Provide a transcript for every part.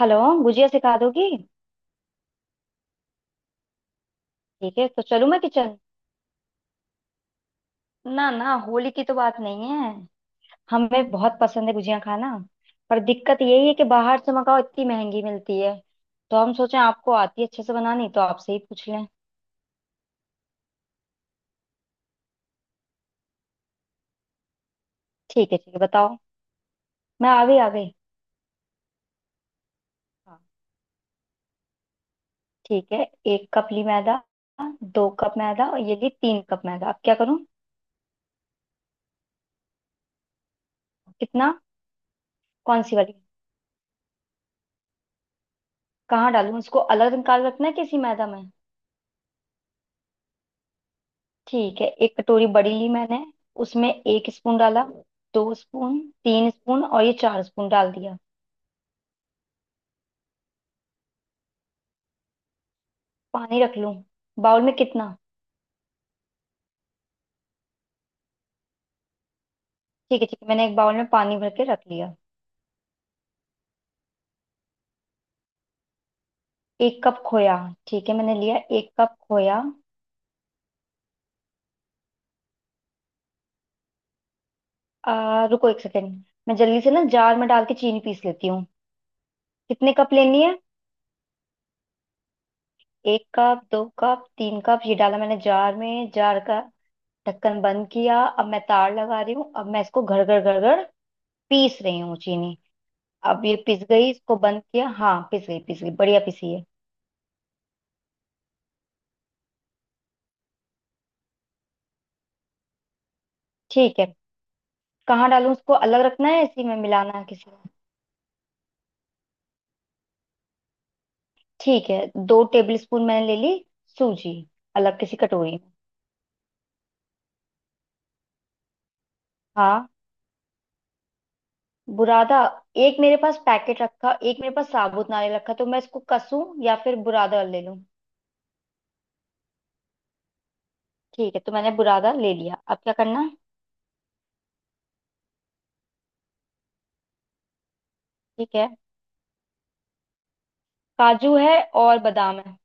Hello. गुजिया सिखा दोगी? ठीक है तो चलूँ मैं किचन। ना ना, होली की तो बात नहीं है। हमें बहुत पसंद है गुजिया खाना। पर दिक्कत यही है कि बाहर से मंगाओ इतनी महंगी मिलती है। तो हम सोचे आपको आती है अच्छे से बनानी, तो आपसे ही पूछ लें। ठीक है ठीक है, बताओ। मैं आ गई, आ गई। हाँ, ठीक है। 1 कप ली मैदा। 2 कप मैदा और ये ली 3 कप मैदा। अब क्या करूँ? कितना? कौन सी वाली? कहाँ डालूं इसको? अलग निकाल रखना है किसी मैदा में? ठीक है, एक कटोरी बड़ी ली मैंने। उसमें 1 स्पून डाला। 2 स्पून। 3 स्पून और ये 4 स्पून डाल दिया। पानी रख लूं? बाउल में कितना? ठीक है ठीक है, मैंने एक बाउल में पानी भर के रख लिया। 1 कप खोया। ठीक है, मैंने लिया 1 कप खोया। रुको 1 सेकेंड। मैं जल्दी से ना जार में डाल के चीनी पीस लेती हूँ। कितने कप लेनी है? 1 कप 2 कप 3 कप ये डाला मैंने जार में। जार का ढक्कन बंद किया। अब मैं तार लगा रही हूँ। अब मैं इसको घड़ घड़ घड़ घड़ पीस रही हूँ चीनी। अब ये पिस गई, इसको बंद किया। हाँ पिस गई, पिस गई, बढ़िया पिसी है। ठीक है। कहाँ डालूं उसको? अलग रखना है, इसी में मिलाना है किसी में? ठीक है, 2 टेबल स्पून मैंने ले ली सूजी, अलग किसी कटोरी में। हाँ, बुरादा। एक मेरे पास पैकेट रखा, एक मेरे पास साबुत नारियल रखा, तो मैं इसको कसूं या फिर बुरादा ले लूं? ठीक है, तो मैंने बुरादा ले लिया, अब क्या करना है? ठीक है। काजू है और बादाम है।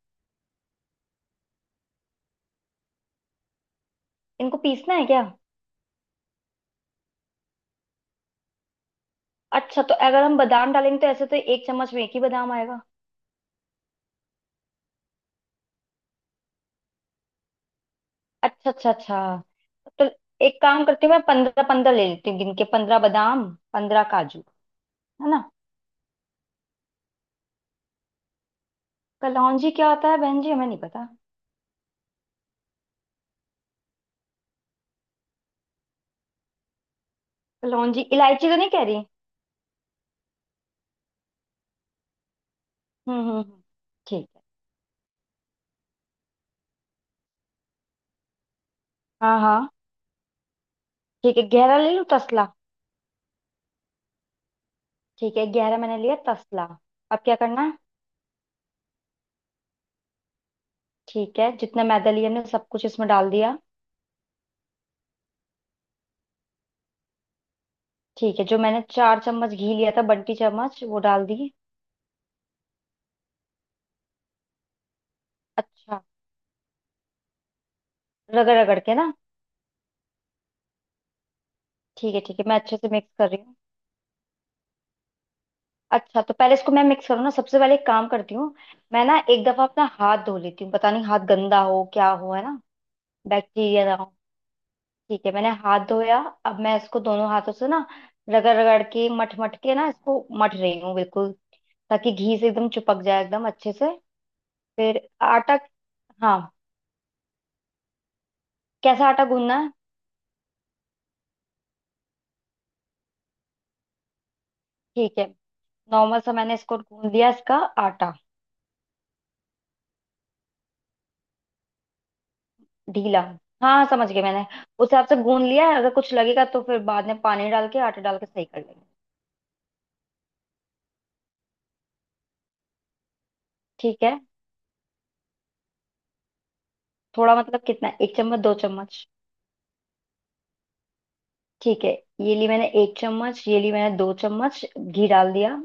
इनको पीसना है क्या? अच्छा, तो अगर हम बादाम डालेंगे तो ऐसे तो 1 चम्मच में एक ही बादाम आएगा। अच्छा अच्छा अच्छा। तो एक काम करती हूँ, मैं 15-15 ले लेती हूँ गिन के। 15 बादाम, 15 काजू। है ना? कलौंजी क्या होता है बहन जी, हमें नहीं पता। कलौंजी इलायची तो नहीं कह रही? हम्म। ठीक है। हाँ हाँ, ठीक है, गहरा ले लूँ तसला? ठीक है, गहरा मैंने लिया तसला। अब क्या करना है? ठीक है, जितना मैदा लिया हमने सब कुछ इसमें डाल दिया। ठीक है, जो मैंने 4 चम्मच घी लिया था बंटी चम्मच, वो डाल दिए। अच्छा, रगड़ रगड़ के ना? ठीक है ठीक है, मैं अच्छे से मिक्स कर रही हूँ। अच्छा, तो पहले इसको मैं मिक्स करूँ ना, सबसे पहले एक काम करती हूँ। मैं ना एक दफा अपना हाथ धो लेती हूँ, पता नहीं हाथ गंदा हो, क्या हो, है ना। बैक्टीरिया ना हो। ठीक है, मैंने हाथ धोया। अब मैं इसको दोनों हाथों से ना रगड़ रगड़ के, मट मट के ना, इसको मट रही हूँ बिल्कुल, ताकि घी से एकदम चिपक जाए एकदम अच्छे से। फिर आटा। हाँ। कैसा आटा गूंदना है? ठीक है। नॉर्मल सा मैंने इसको गूंद लिया, इसका आटा ढीला। हाँ, समझ गई मैंने। उस हिसाब से गूंद लिया है, अगर कुछ लगेगा तो फिर बाद में पानी डाल के, आटा डाल के सही कर लेंगे। ठीक है। थोड़ा मतलब कितना, 1 चम्मच 2 चम्मच ठीक है, ये ली मैंने 1 चम्मच, ये ली मैंने 2 चम्मच घी डाल दिया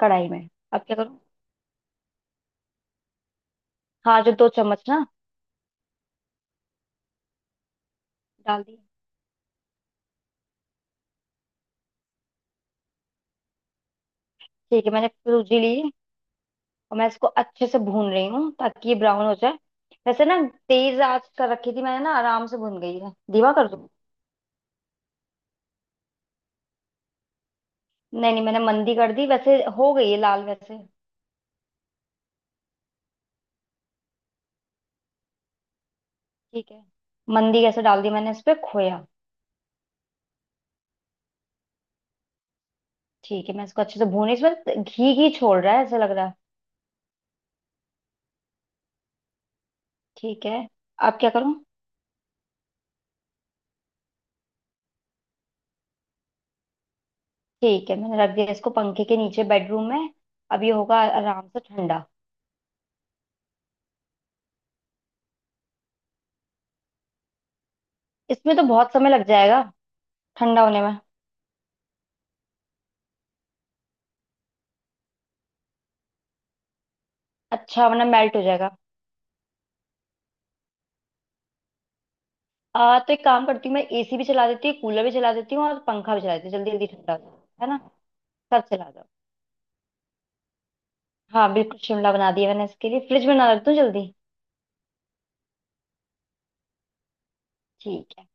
कढ़ाई में। अब क्या करूँ? हाँ, जो 2 चम्मच ना, डाल दी। ठीक है, मैंने सूजी ली और मैं इसको अच्छे से भून रही हूँ ताकि ये ब्राउन हो जाए। वैसे ना, तेज आंच कर रखी थी मैंने ना, आराम से भून गई है, धीमा कर दूँ? नहीं नहीं, मैंने मंदी कर दी, वैसे हो गई है लाल वैसे। ठीक है, मंदी। कैसे डाल दी मैंने इस पे खोया। ठीक है, मैं इसको अच्छे से भून, इसमें घी घी छोड़ रहा है, ऐसा लग रहा है। ठीक है, अब क्या करूँ? ठीक है, मैंने रख दिया इसको पंखे के नीचे बेडरूम में। अब ये होगा आराम से ठंडा। इसमें तो बहुत समय लग जाएगा ठंडा होने में। अच्छा, वरना मेल्ट हो जाएगा। तो एक काम करती हूँ, मैं एसी भी चला देती हूँ, कूलर भी चला देती हूँ और पंखा भी चला देती हूँ, जल्दी जल्दी ठंडा हो जाए है ना। सब चला दो। हाँ बिल्कुल, शिमला बना दिया मैंने इसके लिए। फ्रिज में ना रख दूँ जल्दी? ठीक है,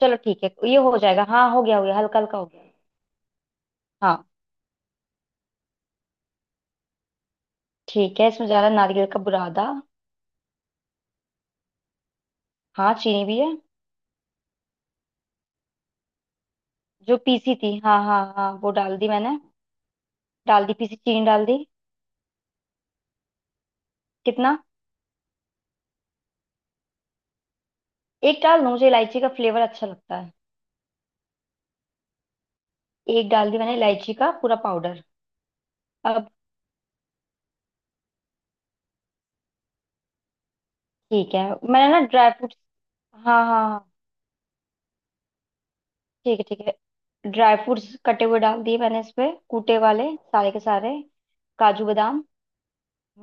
चलो ठीक है, ये हो जाएगा। हाँ हो गया, हो गया, हल्का हल्का हो गया। हाँ। ठीक है, इसमें जा रहा है नारियल का बुरादा। हाँ, चीनी भी है। जो पीसी थी, हाँ हाँ हाँ, वो डाल दी मैंने। डाल दी, पीसी चीनी डाल दी। कितना? एक डाल दूं, मुझे इलायची का फ्लेवर अच्छा लगता है। एक डाल दी मैंने इलायची का पूरा पाउडर। अब? ठीक है, मैंने ना ड्राई फ्रूट्स, हाँ हाँ हाँ, ठीक है ठीक है, ड्राई फ्रूट्स कटे हुए डाल दिए मैंने इसमें, कूटे वाले सारे के सारे, काजू बादाम।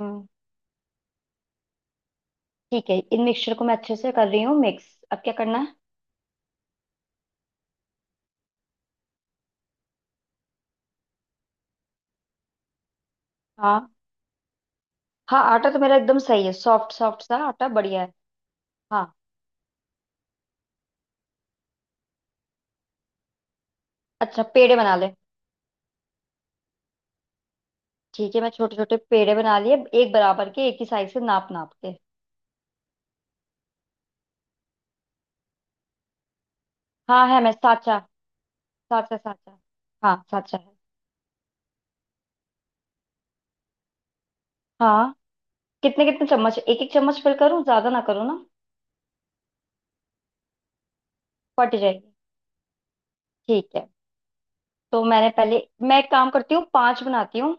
हम्म। ठीक है, इन मिक्सचर को मैं अच्छे से कर रही हूँ मिक्स। अब क्या करना है? हाँ, हाँ आटा तो मेरा एकदम सही है, सॉफ्ट सॉफ्ट सा आटा, बढ़िया है। हाँ। अच्छा, पेड़े बना ले? ठीक है, मैं छोटे छोटे पेड़े बना लिए, एक बराबर के, एक ही साइज से नाप नाप के। हाँ है, मैं साचा। साचा साचा। हाँ, साचा है। हाँ। कितने कितने चम्मच? एक एक चम्मच फिल करूँ? ज्यादा ना करूँ ना? फट जाएगी। ठीक है, तो मैंने पहले, मैं एक काम करती हूँ, 5 बनाती हूँ।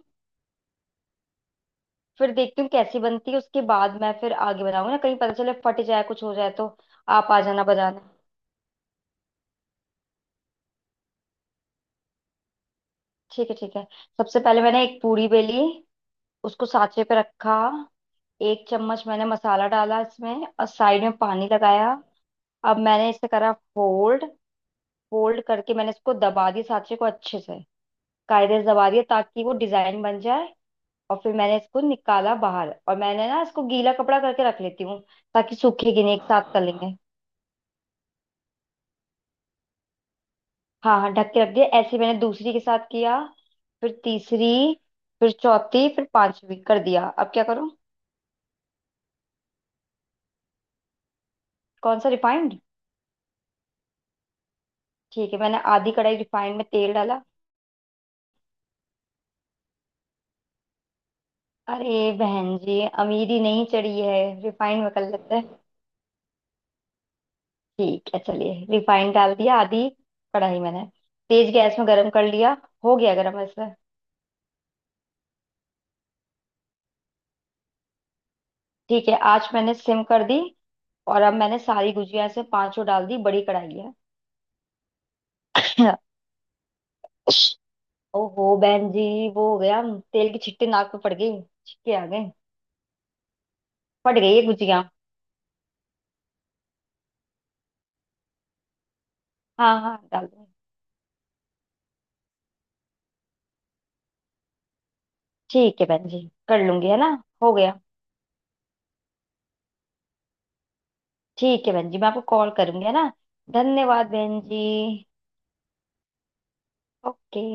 फिर देखती हूँ कैसी बनती है, उसके बाद मैं फिर आगे बनाऊंगी ना, कहीं पता चले फट जाए, कुछ हो जाए तो। आप आ जाना बजाना। ठीक है ठीक है। सबसे पहले मैंने एक पूरी बेली, उसको सांचे पे रखा। 1 चम्मच मैंने मसाला डाला इसमें और साइड में पानी लगाया। अब मैंने इसे करा फोल्ड। फोल्ड करके मैंने इसको दबा दिया सांचे को अच्छे से, कायदे से दबा दिया ताकि वो डिजाइन बन जाए। और फिर मैंने इसको निकाला बाहर और मैंने ना इसको गीला कपड़ा करके रख लेती हूँ, ताकि सूखेगी नहीं, एक साथ कर लेंगे। हाँ हाँ, ढक के रख दिया। ऐसे ही मैंने दूसरी के साथ किया, फिर तीसरी, फिर चौथी, फिर 5वीं कर दिया। अब क्या करूँ? कौन सा, रिफाइंड? ठीक है, मैंने आधी कढ़ाई रिफाइंड में तेल डाला। अरे बहन जी, अमीरी नहीं चढ़ी है, रिफाइंड में कर लेते हैं। ठीक है, चलिए रिफाइंड डाल दिया आधी कढ़ाई मैंने, तेज गैस में गरम कर लिया। हो गया गरम ऐसे? ठीक है, आंच मैंने सिम कर दी और अब मैंने सारी गुजिया से पांचों डाल दी, बड़ी कढ़ाई है। ओहो बहन जी, वो हो गया, तेल की छिट्टी नाक पे पड़ गई, छिटके आ गए, पड़ गई ये गुजिया। हाँ हाँ, डाल दूंगी। ठीक है बहन जी, कर लूंगी है ना। हो गया। ठीक है बहन जी, मैं आपको कॉल करूंगी है ना। धन्यवाद बहन जी। ओके।